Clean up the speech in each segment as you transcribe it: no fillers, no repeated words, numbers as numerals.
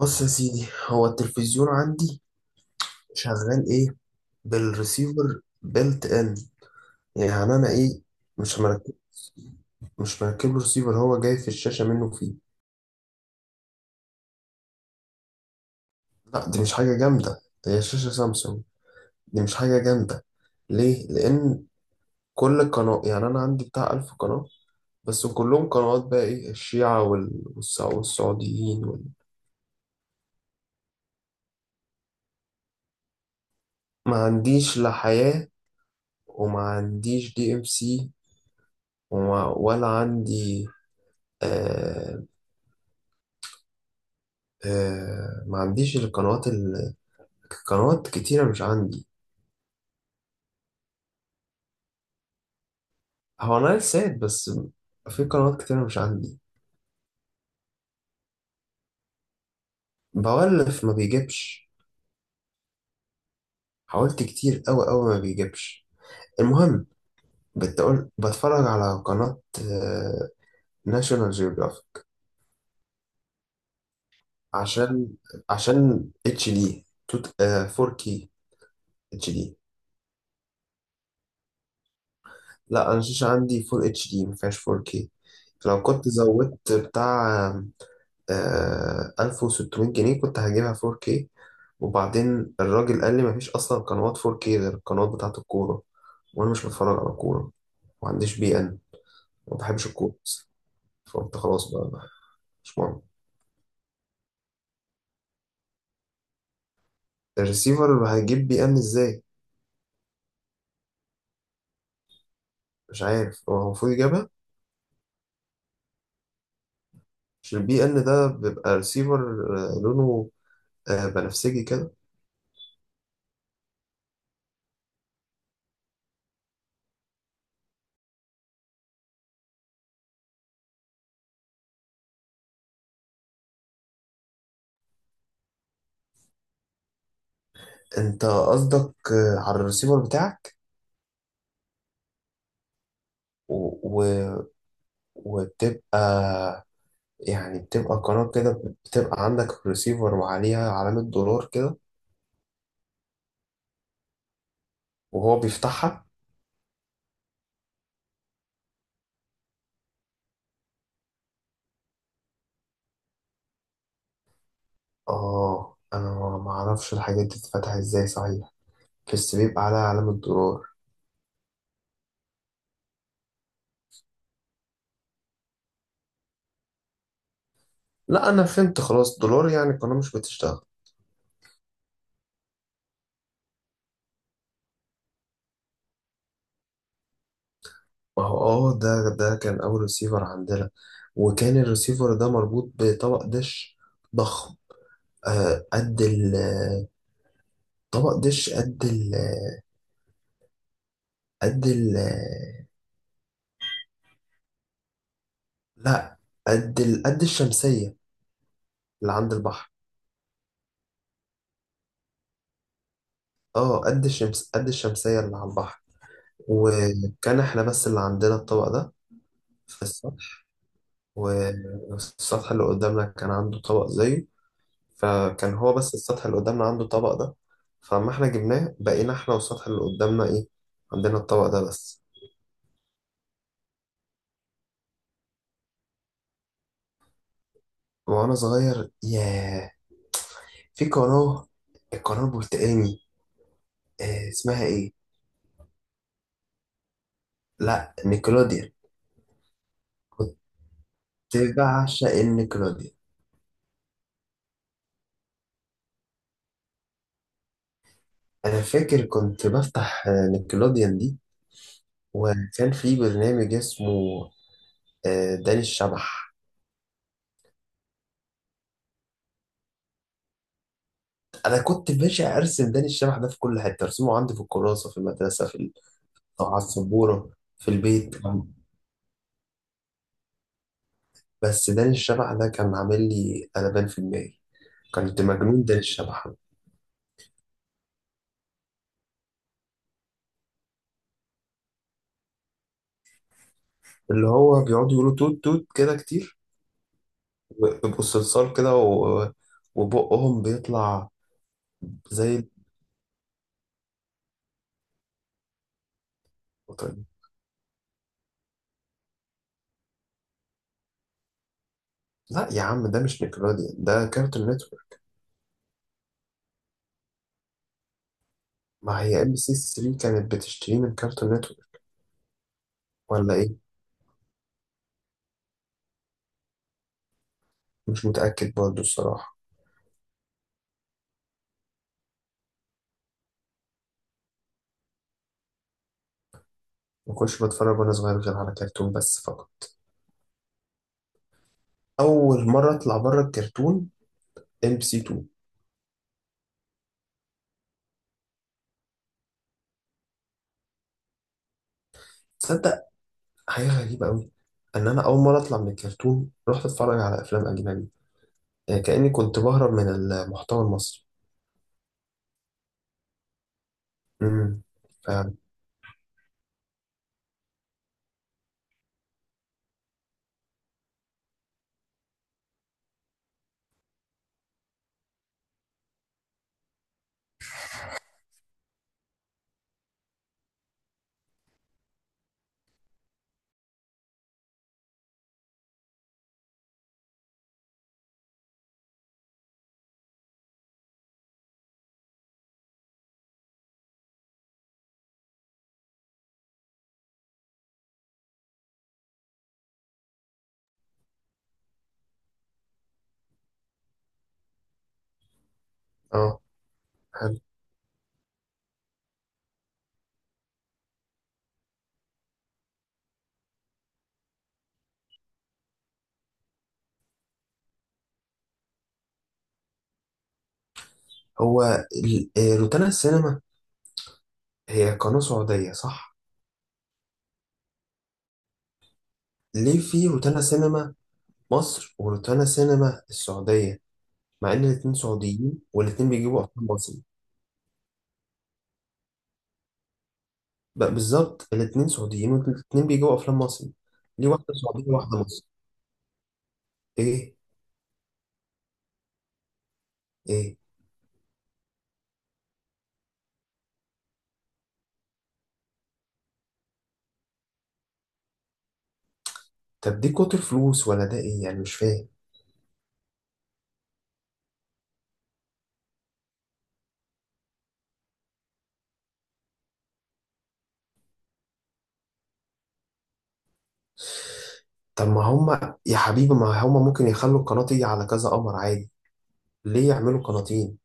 بص يا سيدي، هو التلفزيون عندي شغال ايه؟ بالريسيفر بيلت ان. يعني انا ايه؟ مش مركز مش مركب له ريسيفر، هو جاي في الشاشه منه فيه. لا دي مش حاجه جامده، دي هي شاشه سامسونج. دي مش حاجه جامده. ليه؟ لان كل قناه، يعني انا عندي بتاع 1000 قناه، بس كلهم قنوات، بقى ايه، الشيعة والسعوديين ما عنديش لا حياة، وما عنديش دي ام سي، ولا عندي. آه، آه، ما عنديش القنوات قنوات كتيرة مش عندي. هو أنا ساد بس، في قنوات كتيرة مش عندي. بولف ما بيجيبش. حاولت كتير أوي أوي ما بيجيبش. المهم، بتقول بتفرج على قناة ناشونال جيوغرافيك. عشان عشان اتش دي، 4K. اتش دي. لا انا الشاشه عندي فول اتش دي، ما فيهاش 4K. فلو كنت زودت بتاع 1600 جنيه كنت هجيبها 4K. وبعدين الراجل قال لي مفيش اصلا قنوات 4K غير القنوات بتاعه الكوره، وانا مش بتفرج على كوره. ما عنديش بي ان، ما بحبش الكوره أصلاً. فقلت خلاص بقى، مش مهم. الريسيفر هيجيب بي ان ازاي؟ مش عارف، هو المفروض يجيبها. مش البي ان ده بيبقى ريسيفر؟ لونه بنفسجي كده. انت قصدك على الريسيفر بتاعك و... و... وبتبقى، يعني بتبقى قناة كده، بتبقى عندك ريسيفر وعليها علامة دولار كده، وهو بيفتحها. اه، انا ما اعرفش الحاجات دي بتتفتح ازاي صحيح، بس بيبقى عليها علامة دولار. لا انا فهمت خلاص، دولار يعني القناة مش بتشتغل. ما هو، اه ده كان اول ريسيفر عندنا. وكان الريسيفر ده مربوط بطبق دش ضخم. آه قد ال، طبق دش قد ال، قد ال. لا، قد قد الشمسية اللي عند البحر. اه قد الشمس، قد الشمسية اللي على البحر. وكان احنا بس اللي عندنا الطبق ده في السطح، والسطح اللي قدامنا كان عنده طبق زيه. فكان هو بس السطح اللي قدامنا عنده الطبق ده. فاما احنا جبناه، بقينا احنا والسطح اللي قدامنا ايه، عندنا الطبق ده بس. وانا صغير، ياه، في قناة، القناة البرتقاني، اسمها ايه، لا، نيكلوديان. بعشق النيكلوديان. انا فاكر كنت بفتح نيكلوديان دي. وكان في برنامج اسمه داني الشبح. انا كنت باشا ارسم داني الشبح ده في كل حته، ارسمه عندي في الكراسه، في المدرسه، في أو على السبوره، في البيت. بس داني الشبح ده كان عامل لي قلبان في دماغي. كنت مجنون داني الشبح ده. اللي هو بيقعدوا يقولوا توت توت كده كتير، ويبقوا صلصال كده وبقهم بيطلع زي. لا يا عم، ده مش نيكلوديان، ده كارتون نتورك. ما هي ام بي سي 3 كانت بتشتريه من كارتون نتورك. ولا ايه، مش متأكد برضه الصراحة. ما كنتش بتفرج وانا صغير غير على كرتون بس فقط. اول مرة اطلع بره الكرتون، ام بي سي 2. تصدق، حاجة غريبة قوي، ان انا اول مرة اطلع من الكرتون رحت اتفرج على افلام اجنبي، يعني كأني كنت بهرب من المحتوى المصري. امم فعلا. اه، حلو. هو روتانا السينما، هي قناة سعودية صح؟ ليه في روتانا سينما مصر وروتانا سينما السعودية؟ مع إن الاتنين سعوديين والاتنين بيجيبوا أفلام مصري. بقى بالظبط، الاتنين سعوديين والاتنين بيجيبوا أفلام مصري. ليه واحدة سعودية وواحدة مصري؟ إيه؟ إيه؟ طب دي كتر فلوس ولا ده إيه يعني، مش فاهم. طب ما هما يا حبيبي، ما هما ممكن يخلوا القناة تيجي على كذا قمر عادي. ليه يعملوا قناتين؟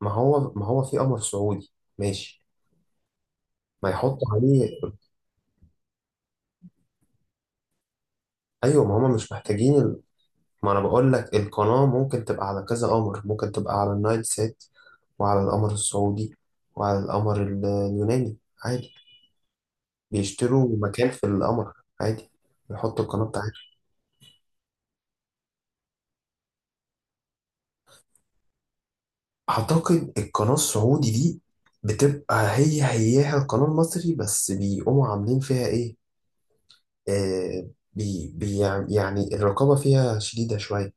ما هو في قمر سعودي. ماشي. ما يحطوا عليه. ايوه، ما هما مش محتاجين ما انا بقول لك القناة ممكن تبقى على كذا قمر، ممكن تبقى على النايل سات، وعلى القمر السعودي، وعلى القمر اليوناني، عادي، بيشتروا مكان في القمر، عادي، بيحطوا القناة بتاعتهم. أعتقد القناة السعودي دي بتبقى هي هياها القناة المصري، بس بيقوموا عاملين فيها إيه، آه بي بي، يعني يعني الرقابة فيها شديدة شوية.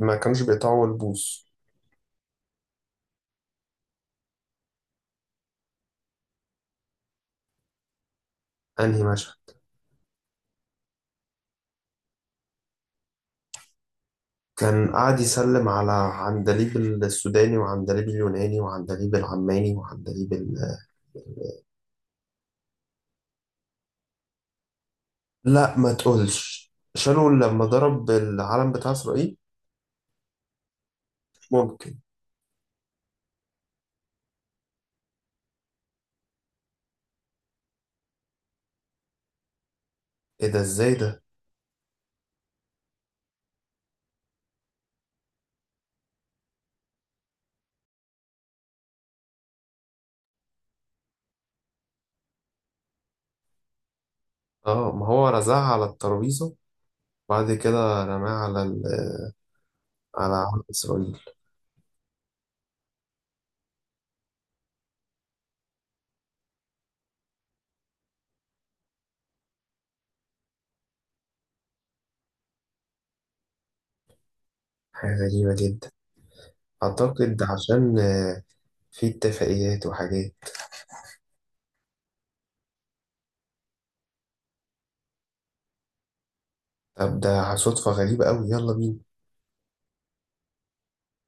ما كانوش بيقطعوا البوص. أنهي مشهد؟ كان قاعد يسلم على عندليب السوداني، وعندليب اليوناني، وعندليب العماني، وعندليب لا ما تقولش، شالوا لما ضرب العلم بتاع إسرائيل. ممكن. إيه ده، إزاي ده؟ آه ما هو رزعها على الترابيزة وبعد كده رماها على على علم إسرائيل. حاجة غريبة جدا. أعتقد عشان في اتفاقيات وحاجات. طب ده صدفة غريبة أوي، يلا بينا.